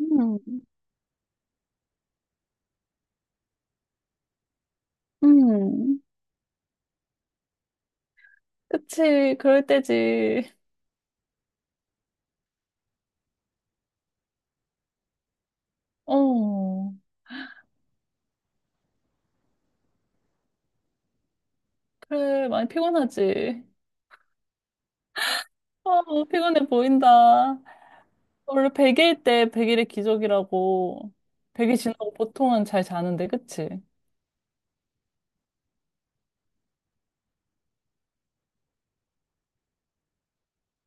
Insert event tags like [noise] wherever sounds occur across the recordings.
음, 음, 그치, 그럴 때지. 어, 그래, 많이 피곤하지. 피곤해 보인다. 원래 100일 때 100일의 기적이라고. 100일 지나고 보통은 잘 자는데, 그치?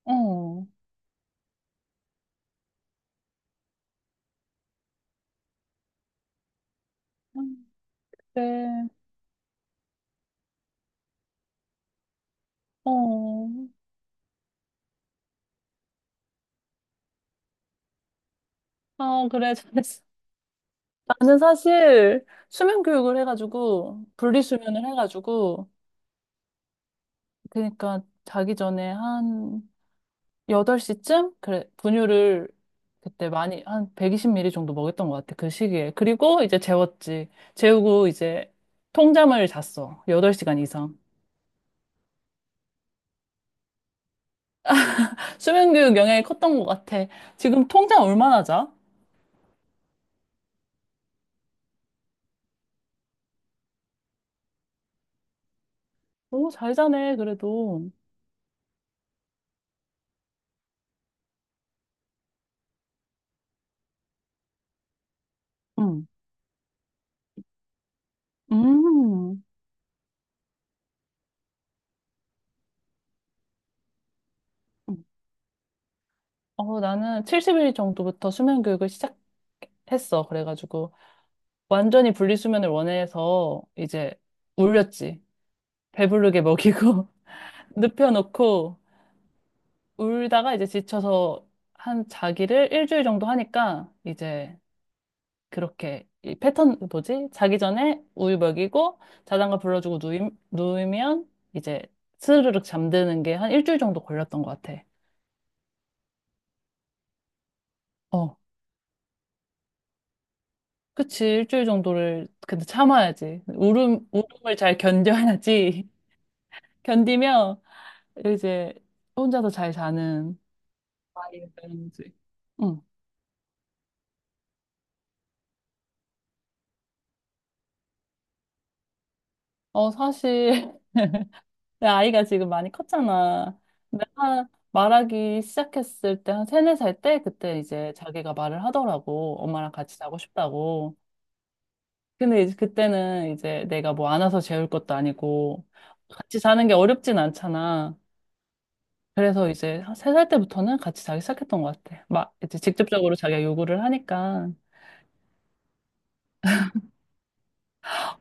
어, 그래, 어, 그래, 잘했어. 나는 사실 수면 교육을 해가지고, 분리수면을 해가지고, 그러니까 자기 전에 한 8시쯤? 그래, 분유를 그때 많이, 한 120ml 정도 먹였던 것 같아, 그 시기에. 그리고 이제 재웠지. 재우고 이제 통잠을 잤어. 8시간 이상. 수면교육 영향이 컸던 것 같아. 지금 통잠 얼마나 자? 오, 잘 자네, 그래도. 응. 음. 나는 70일 정도부터 수면교육을 시작했어. 그래가지고, 완전히 분리수면을 원해서 이제 울렸지. 배부르게 먹이고, [laughs] 눕혀놓고, 울다가 이제 지쳐서 한 자기를 일주일 정도 하니까 이제 그렇게 이 패턴 뭐지? 자기 전에 우유 먹이고 자장가 불러주고 누우면 이제 스르륵 잠드는 게 한 일주일 정도 걸렸던 것 같아. 어, 그치. 일주일 정도를 근데 참아야지. 울음을 잘 견뎌야지. [laughs] 견디면 이제 혼자서 잘 자는 아이가 되는 지. 응. 사실 내 아이가 지금 많이 컸잖아. 내가 말하기 시작했을 때 한 세네 살 때 그때 이제 자기가 말을 하더라고. 엄마랑 같이 자고 싶다고. 근데 이제 그때는 이제 내가 뭐 안아서 재울 것도 아니고 같이 자는 게 어렵진 않잖아. 그래서 이제 세 살 때부터는 같이 자기 시작했던 것 같아. 막 이제 직접적으로 자기가 요구를 하니까.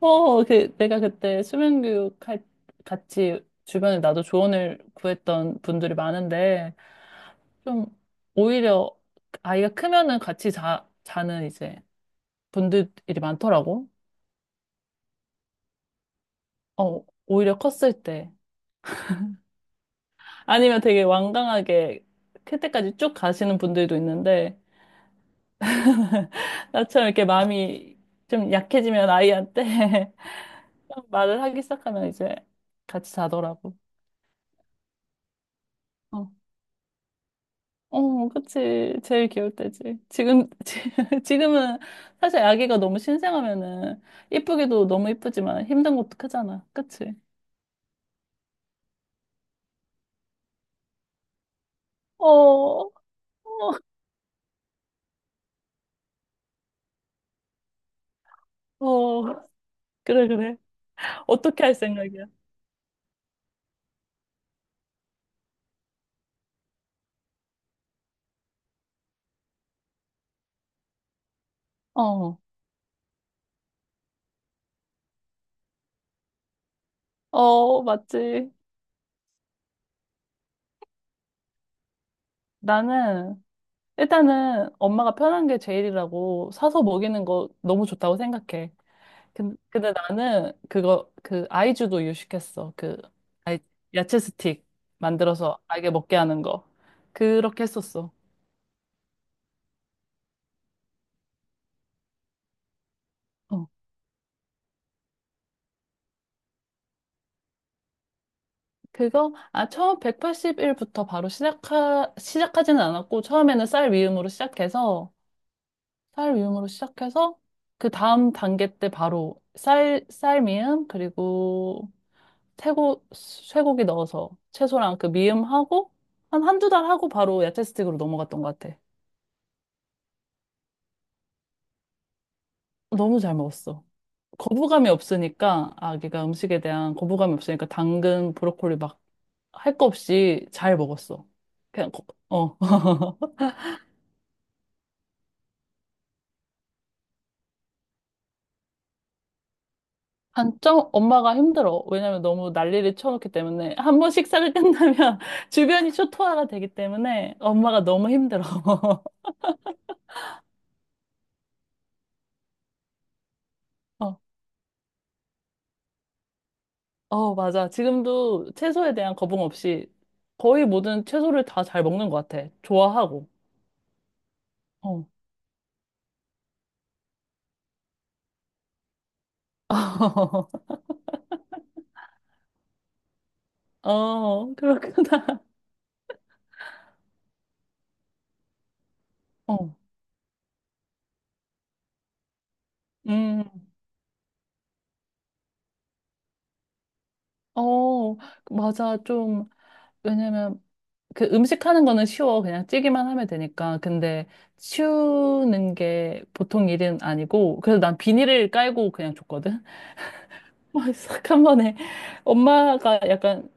그 내가 그때 수면 교육 할 같이 주변에 나도 조언을 구했던 분들이 많은데 좀 오히려 아이가 크면은 같이 자는 이제 분들이 많더라고. 오히려 컸을 때. 아니면 되게 완강하게 클 때까지 쭉 가시는 분들도 있는데, 나처럼 이렇게 마음이 좀 약해지면 아이한테 [laughs] 말을 하기 시작하면 이제 같이 자더라고. 어, 그치. 제일 귀여울 때지. 지금, [laughs] 지금은 사실 아기가 너무 신생하면은 이쁘기도 너무 이쁘지만 힘든 것도 크잖아. 그치? 어, 어, 어, 그래, 그래. 어떻게 할 생각이야? 어, 맞지. 나는, 일단은 엄마가 편한 게 제일이라고 사서 먹이는 거 너무 좋다고 생각해. 근데, 나는 그거, 그 아이주도 유식했어. 그, 아이, 야채 스틱 만들어서 아이게 먹게 하는 거. 그렇게 했었어. 어, 그거, 처음 1 8일부터 바로 시작하지는 않았고, 처음에는 쌀 위음으로 시작해서, 쌀 미음으로 시작해서 그 다음 단계 때 바로 쌀 미음 그리고 쇠고기 넣어서 채소랑 그 미음하고 한 한두 달 하고 바로 야채 스틱으로 넘어갔던 것 같아. 너무 잘 먹었어. 거부감이 없으니까 아기가 음식에 대한 거부감이 없으니까 당근, 브로콜리 막 할 거 없이 잘 먹었어. 그냥. [laughs] 단점 엄마가 힘들어. 왜냐면 너무 난리를 쳐놓기 때문에 한 번 식사를 끝나면 [laughs] 주변이 초토화가 되기 때문에 엄마가 너무 힘들어. [laughs] 어, 맞아. 지금도 채소에 대한 거부감 없이 거의 모든 채소를 다 잘 먹는 것 같아. 좋아하고. 어. [laughs] 그렇구나. 어. 음. 어, 맞아. 좀, 왜냐면 그 음식 하는 거는 쉬워. 그냥 찌기만 하면 되니까. 근데 치우는 게 보통 일은 아니고. 그래서 난 비닐을 깔고 그냥 줬거든. [laughs] 막 싹 한 번에. 엄마가 약간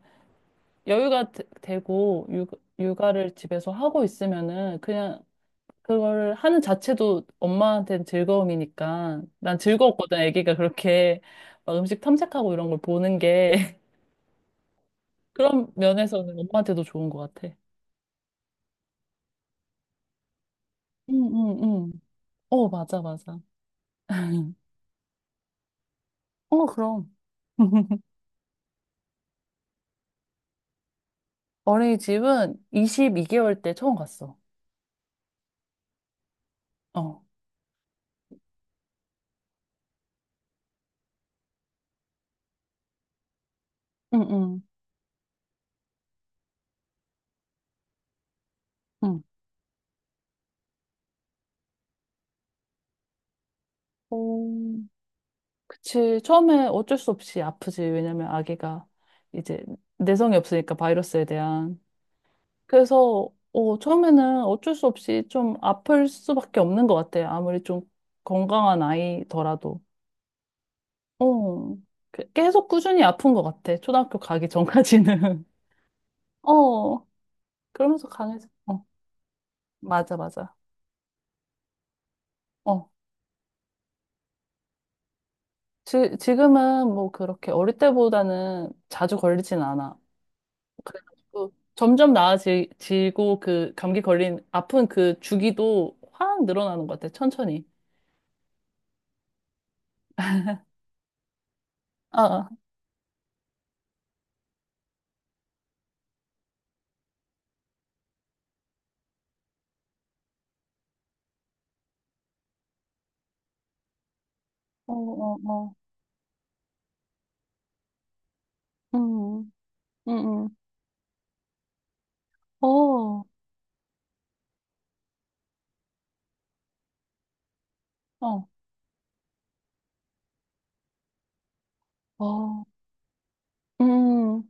여유가 되고 육아를 집에서 하고 있으면은 그냥 그걸 하는 자체도 엄마한테는 즐거움이니까. 난 즐거웠거든. 아기가 그렇게 막 음식 탐색하고 이런 걸 보는 게. [laughs] 그런 면에서는 엄마한테도 좋은 것 같아. 응, 응, 응. 맞아, 맞아. [laughs] 어, 그럼. [laughs] 어린이집은 22개월 때 처음 갔어. 어. 응, 응, 응. 어, 그치. 처음에 어쩔 수 없이 아프지. 왜냐면 아기가 이제 내성이 없으니까 바이러스에 대한. 그래서, 처음에는 어쩔 수 없이 좀 아플 수밖에 없는 것 같아. 아무리 좀 건강한 아이더라도. 어, 계속 꾸준히 아픈 것 같아. 초등학교 가기 전까지는. [laughs] 어, 그러면서 강해져. 맞아, 맞아. 어. 지금은 뭐 그렇게 어릴 때보다는 자주 걸리진 않아. 그래가지고 점점 나아지고 그 감기 걸린 아픈 그 주기도 확 늘어나는 것 같아. 천천히. 아, 아. 어, 어, 어. 음, 음, 음. 어, 어, 어. 음.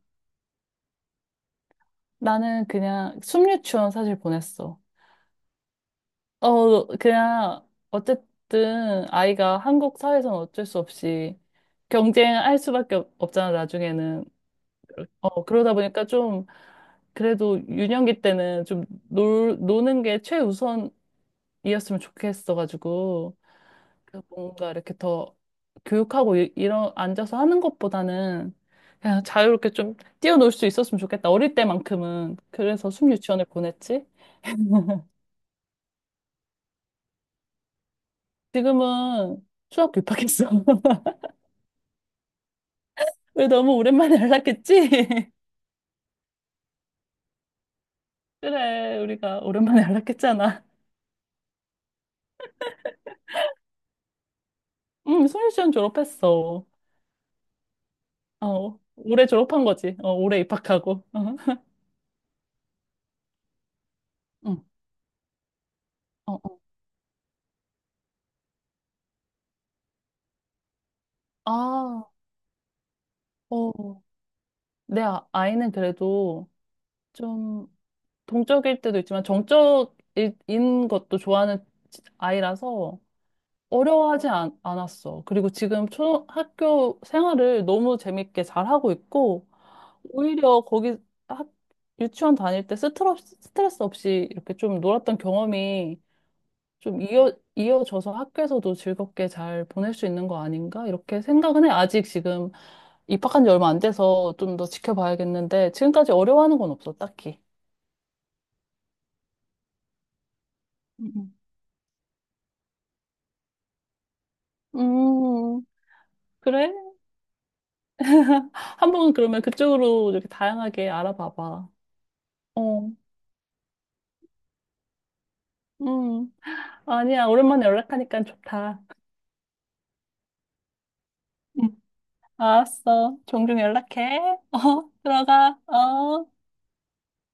나는 그냥 숲유치원 사실 보냈어. 그냥 어쨌든 아이가 한국 사회에서는 어쩔 수 없이 경쟁할 수밖에 없잖아, 나중에는. 그러다 보니까 좀, 그래도 유년기 때는 좀 노는 게 최우선이었으면 좋겠어가지고, 그 뭔가 이렇게 더 교육하고 이런, 앉아서 하는 것보다는 그냥 자유롭게 좀 뛰어놀 수 있었으면 좋겠다. 어릴 때만큼은. 그래서 숨유치원을 보냈지. [laughs] 지금은 수학교 입학했어. [laughs] 왜 너무 오랜만에 연락했지? [laughs] 그래, 우리가 오랜만에 연락했잖아. 응, 숨유치원 졸업했어. 올해 졸업한 거지. 올해 입학하고. 응. 어, 어. [laughs] 아, 어. 내 아이는 그래도 좀 동적일 때도 있지만 정적인 것도 좋아하는 아이라서 어려워하지 않았어. 그리고 지금 초등학교 생활을 너무 재밌게 잘하고 있고, 오히려 거기 학, 유치원 다닐 때 스트레스 없이 이렇게 좀 놀았던 경험이 좀 이어져서 학교에서도 즐겁게 잘 보낼 수 있는 거 아닌가? 이렇게 생각은 해. 아직 지금 입학한 지 얼마 안 돼서 좀 더 지켜봐야겠는데, 지금까지 어려워하는 건 없어, 딱히. 음. 음, 그래? [laughs] 한번 그러면 그쪽으로 이렇게 다양하게 알아봐봐. 어, 음. 아니야, 오랜만에 연락하니까 좋다. 음. 알았어. 종종 연락해. [laughs] 들어가. 어.